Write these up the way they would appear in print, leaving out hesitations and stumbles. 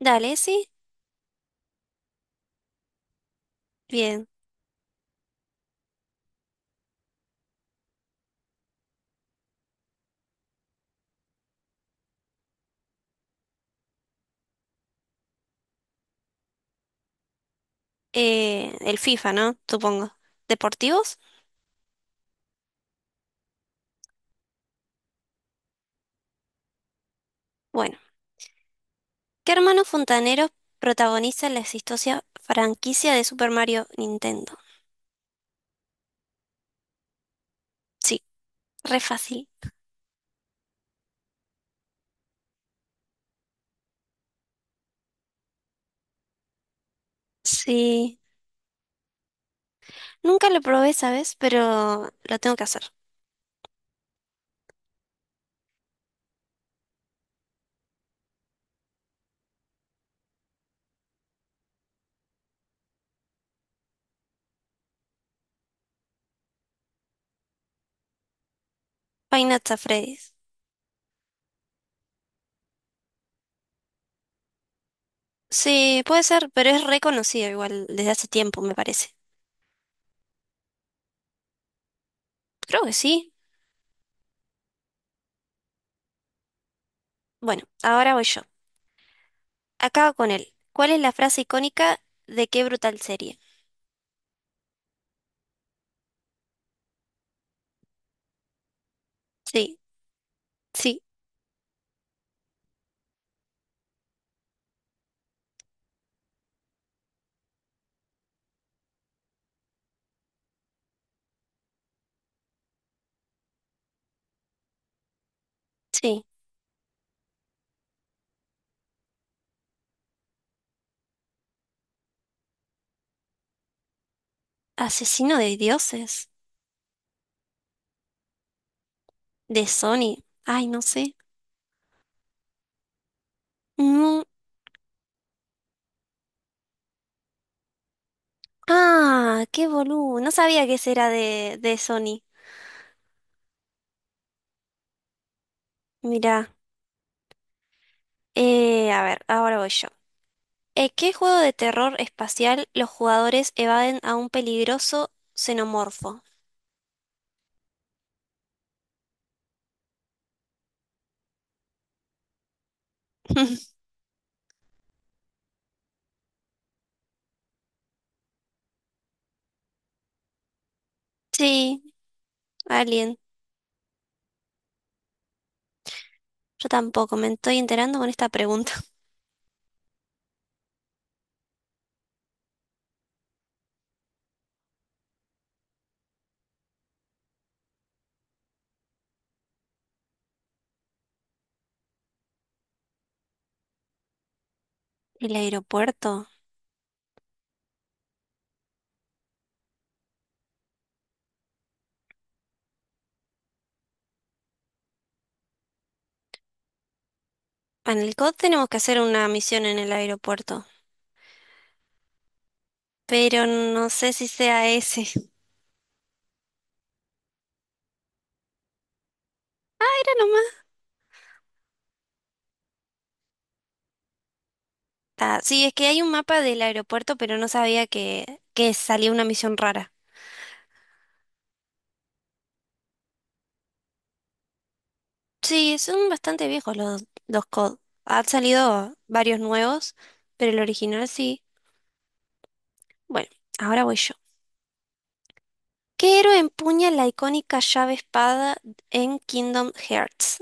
Dale, sí. Bien. El FIFA, ¿no? Supongo. ¿Deportivos? Bueno. ¿Qué hermano fontanero protagoniza la exitosa franquicia de Super Mario Nintendo? Sí, re fácil. Sí. Nunca lo probé, ¿sabes? Pero lo tengo que hacer. Five Nights at Freddy's. Sí, puede ser, pero es reconocido igual desde hace tiempo, me parece. Creo que sí. Bueno, ahora voy yo. Acabo con él. ¿Cuál es la frase icónica de qué brutal serie? Sí, sí, sí. Asesino de dioses, de Sony. Ay, no sé. No. Ah, qué boludo. No sabía que ese era de Sony. Mirá. A ver, ahora voy yo. ¿En qué juego de terror espacial los jugadores evaden a un peligroso xenomorfo? Sí, Alien. Yo tampoco me estoy enterando con esta pregunta. ¿El aeropuerto? Ah, en el COD tenemos que hacer una misión en el aeropuerto. Pero no sé si sea ese. Era. Ah, sí, es que hay un mapa del aeropuerto, pero no sabía que salía una misión rara. Sí, son bastante viejos los COD. Han salido varios nuevos, pero el original sí. Bueno, ahora voy yo. ¿Qué héroe empuña la icónica llave espada en Kingdom Hearts?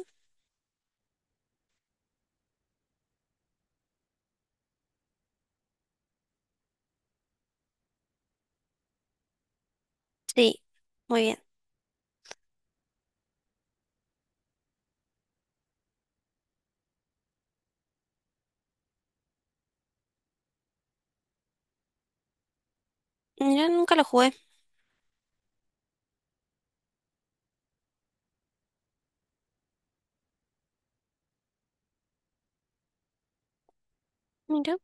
Sí, muy bien. Mira, nunca lo jugué. Mira,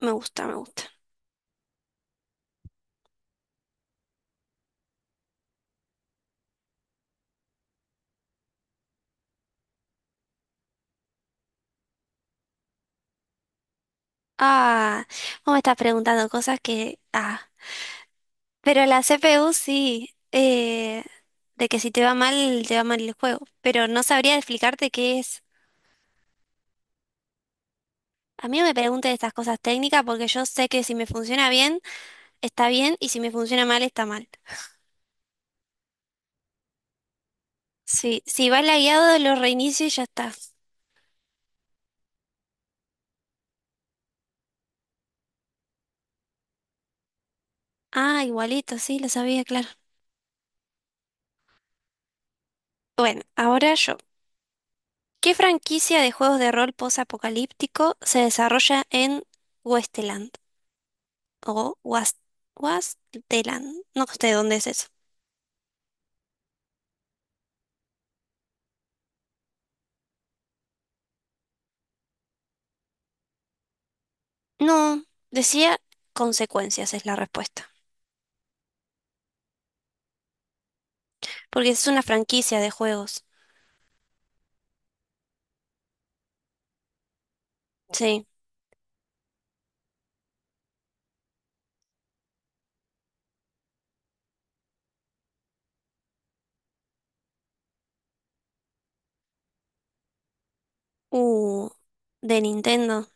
me gusta. Ah, vos me estás preguntando cosas que... Ah, pero la CPU sí, de que si te va mal, te va mal el juego. Pero no sabría explicarte qué es. A mí no me preguntes estas cosas técnicas porque yo sé que si me funciona bien, está bien, y si me funciona mal, está mal. Sí, si va lagueado, lo reinicio y ya está. Ah, igualito, sí, lo sabía, claro. Bueno, ahora yo. ¿Qué franquicia de juegos de rol posapocalíptico se desarrolla en Westeland? O Was Wasteland. No sé dónde es. No, decía consecuencias es la respuesta. Porque es una franquicia de juegos. Sí. Uh, de Nintendo.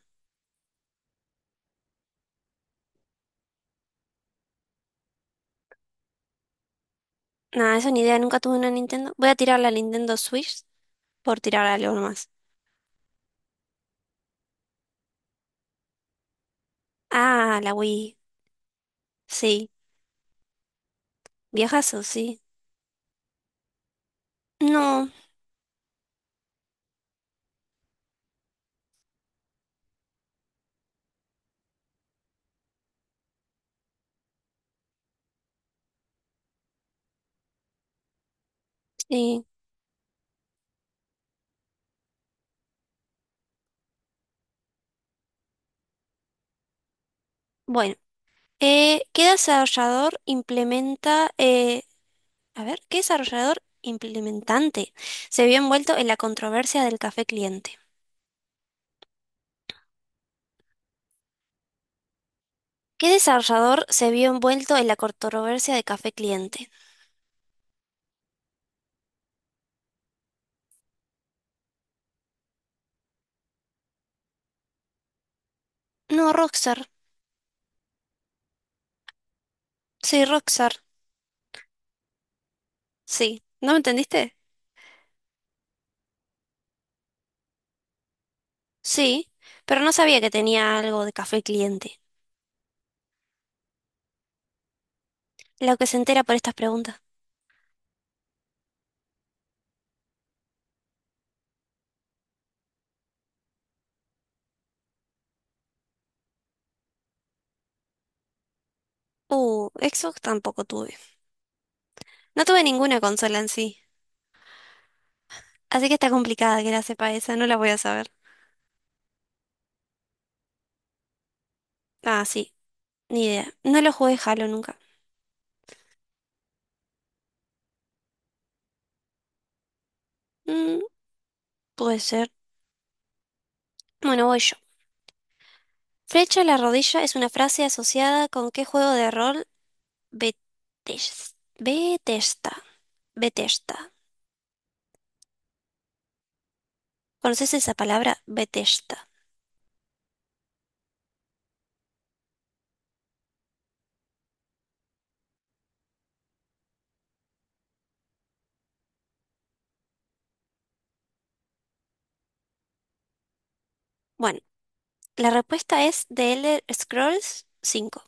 Nada, esa ni idea, nunca tuve una Nintendo. Voy a tirar la Nintendo Switch por tirar algo más. Ah, la Wii. Sí. Viejazo, sí. No, sí. Bueno. Eh, ¿qué desarrollador implementa... eh, a ver, ¿qué desarrollador implementante se vio envuelto en la controversia del café cliente? ¿Qué desarrollador se vio envuelto en la controversia de Café Cliente? No, Rockstar. Sí, Rockstar. Sí. ¿No me entendiste? Sí, pero no sabía que tenía algo de Café Cliente. Lo que se entera por estas preguntas. Xbox tampoco tuve. No tuve ninguna consola en sí. Así que está complicada que la sepa esa, no la voy a saber. Ah, sí, ni idea. No lo jugué Halo nunca. Mm, puede ser. Bueno, voy yo. Flecha a la rodilla es una frase asociada con qué juego de rol. Bethesda. Bethesda. ¿Conoces esa palabra? Bethesda. Bueno, la respuesta es The Elder Scrolls 5.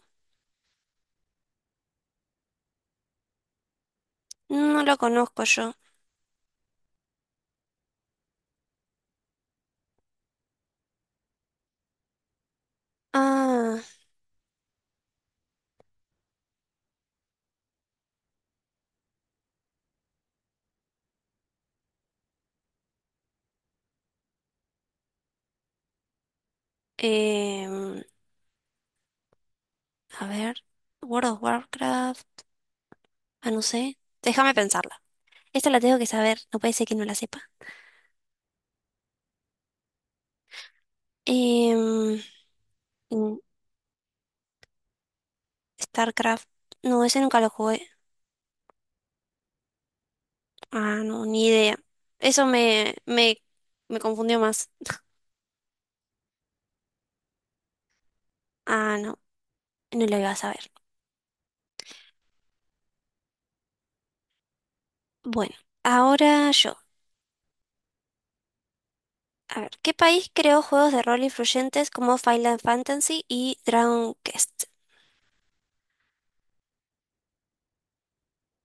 No lo conozco yo. Ah, em, a ver. World of Warcraft. Ah, no sé. Déjame pensarla. Esta la tengo que saber. No puede ser que no la sepa. Em, mm, StarCraft. No, ese nunca lo jugué. Ah, no, ni idea. Eso me confundió más. Ah, no, no lo iba a saber. Bueno, ahora yo. A ver, ¿qué país creó juegos de rol influyentes como Final Fantasy y Dragon Quest?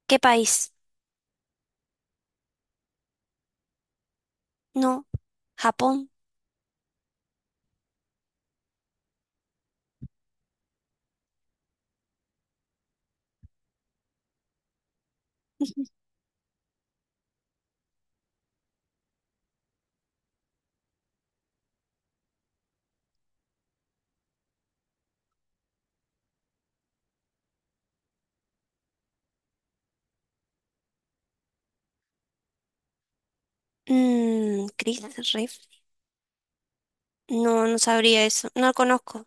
¿Qué país? No, Japón. Mm, Chris Riff. No, no sabría eso. No lo conozco.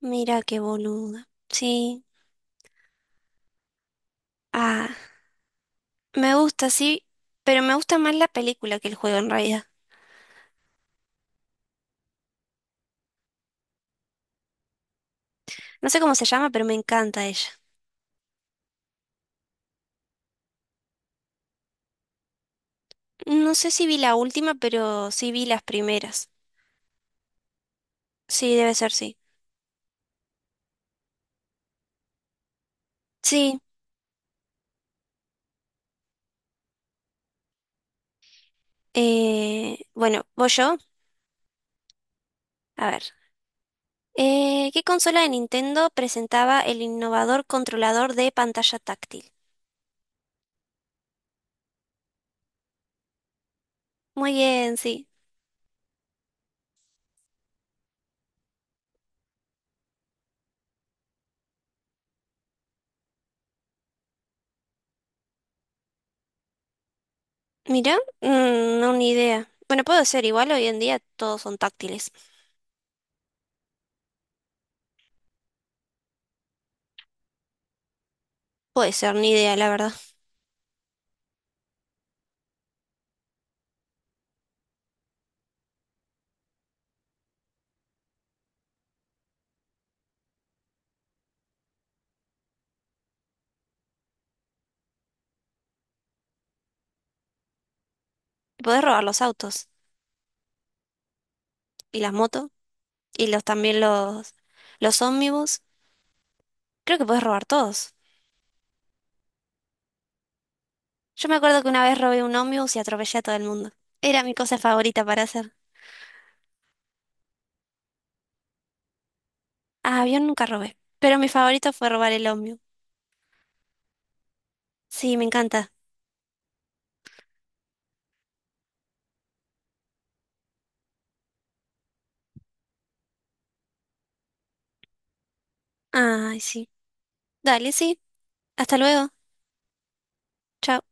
Mira qué boluda. Sí. Ah, me gusta, sí, pero me gusta más la película que el juego en realidad. No sé cómo se llama, pero me encanta ella. No sé si vi la última, pero sí vi las primeras. Sí, debe ser sí. Sí. Bueno, voy yo. A ver. ¿Qué consola de Nintendo presentaba el innovador controlador de pantalla táctil? Muy bien, sí. Mira, mm, no, ni idea. Bueno, puede ser, igual hoy en día todos son táctiles. Puede ser, ni idea, la verdad. Podés robar los autos y las motos y los también los ómnibus. Creo que podés robar todos. Yo me acuerdo que una vez robé un ómnibus y atropellé a todo el mundo. Era mi cosa favorita para hacer. Ah, avión nunca robé, pero mi favorito fue robar el ómnibus. Sí, me encanta. Ay, sí. Dale, sí. Hasta luego. Chao.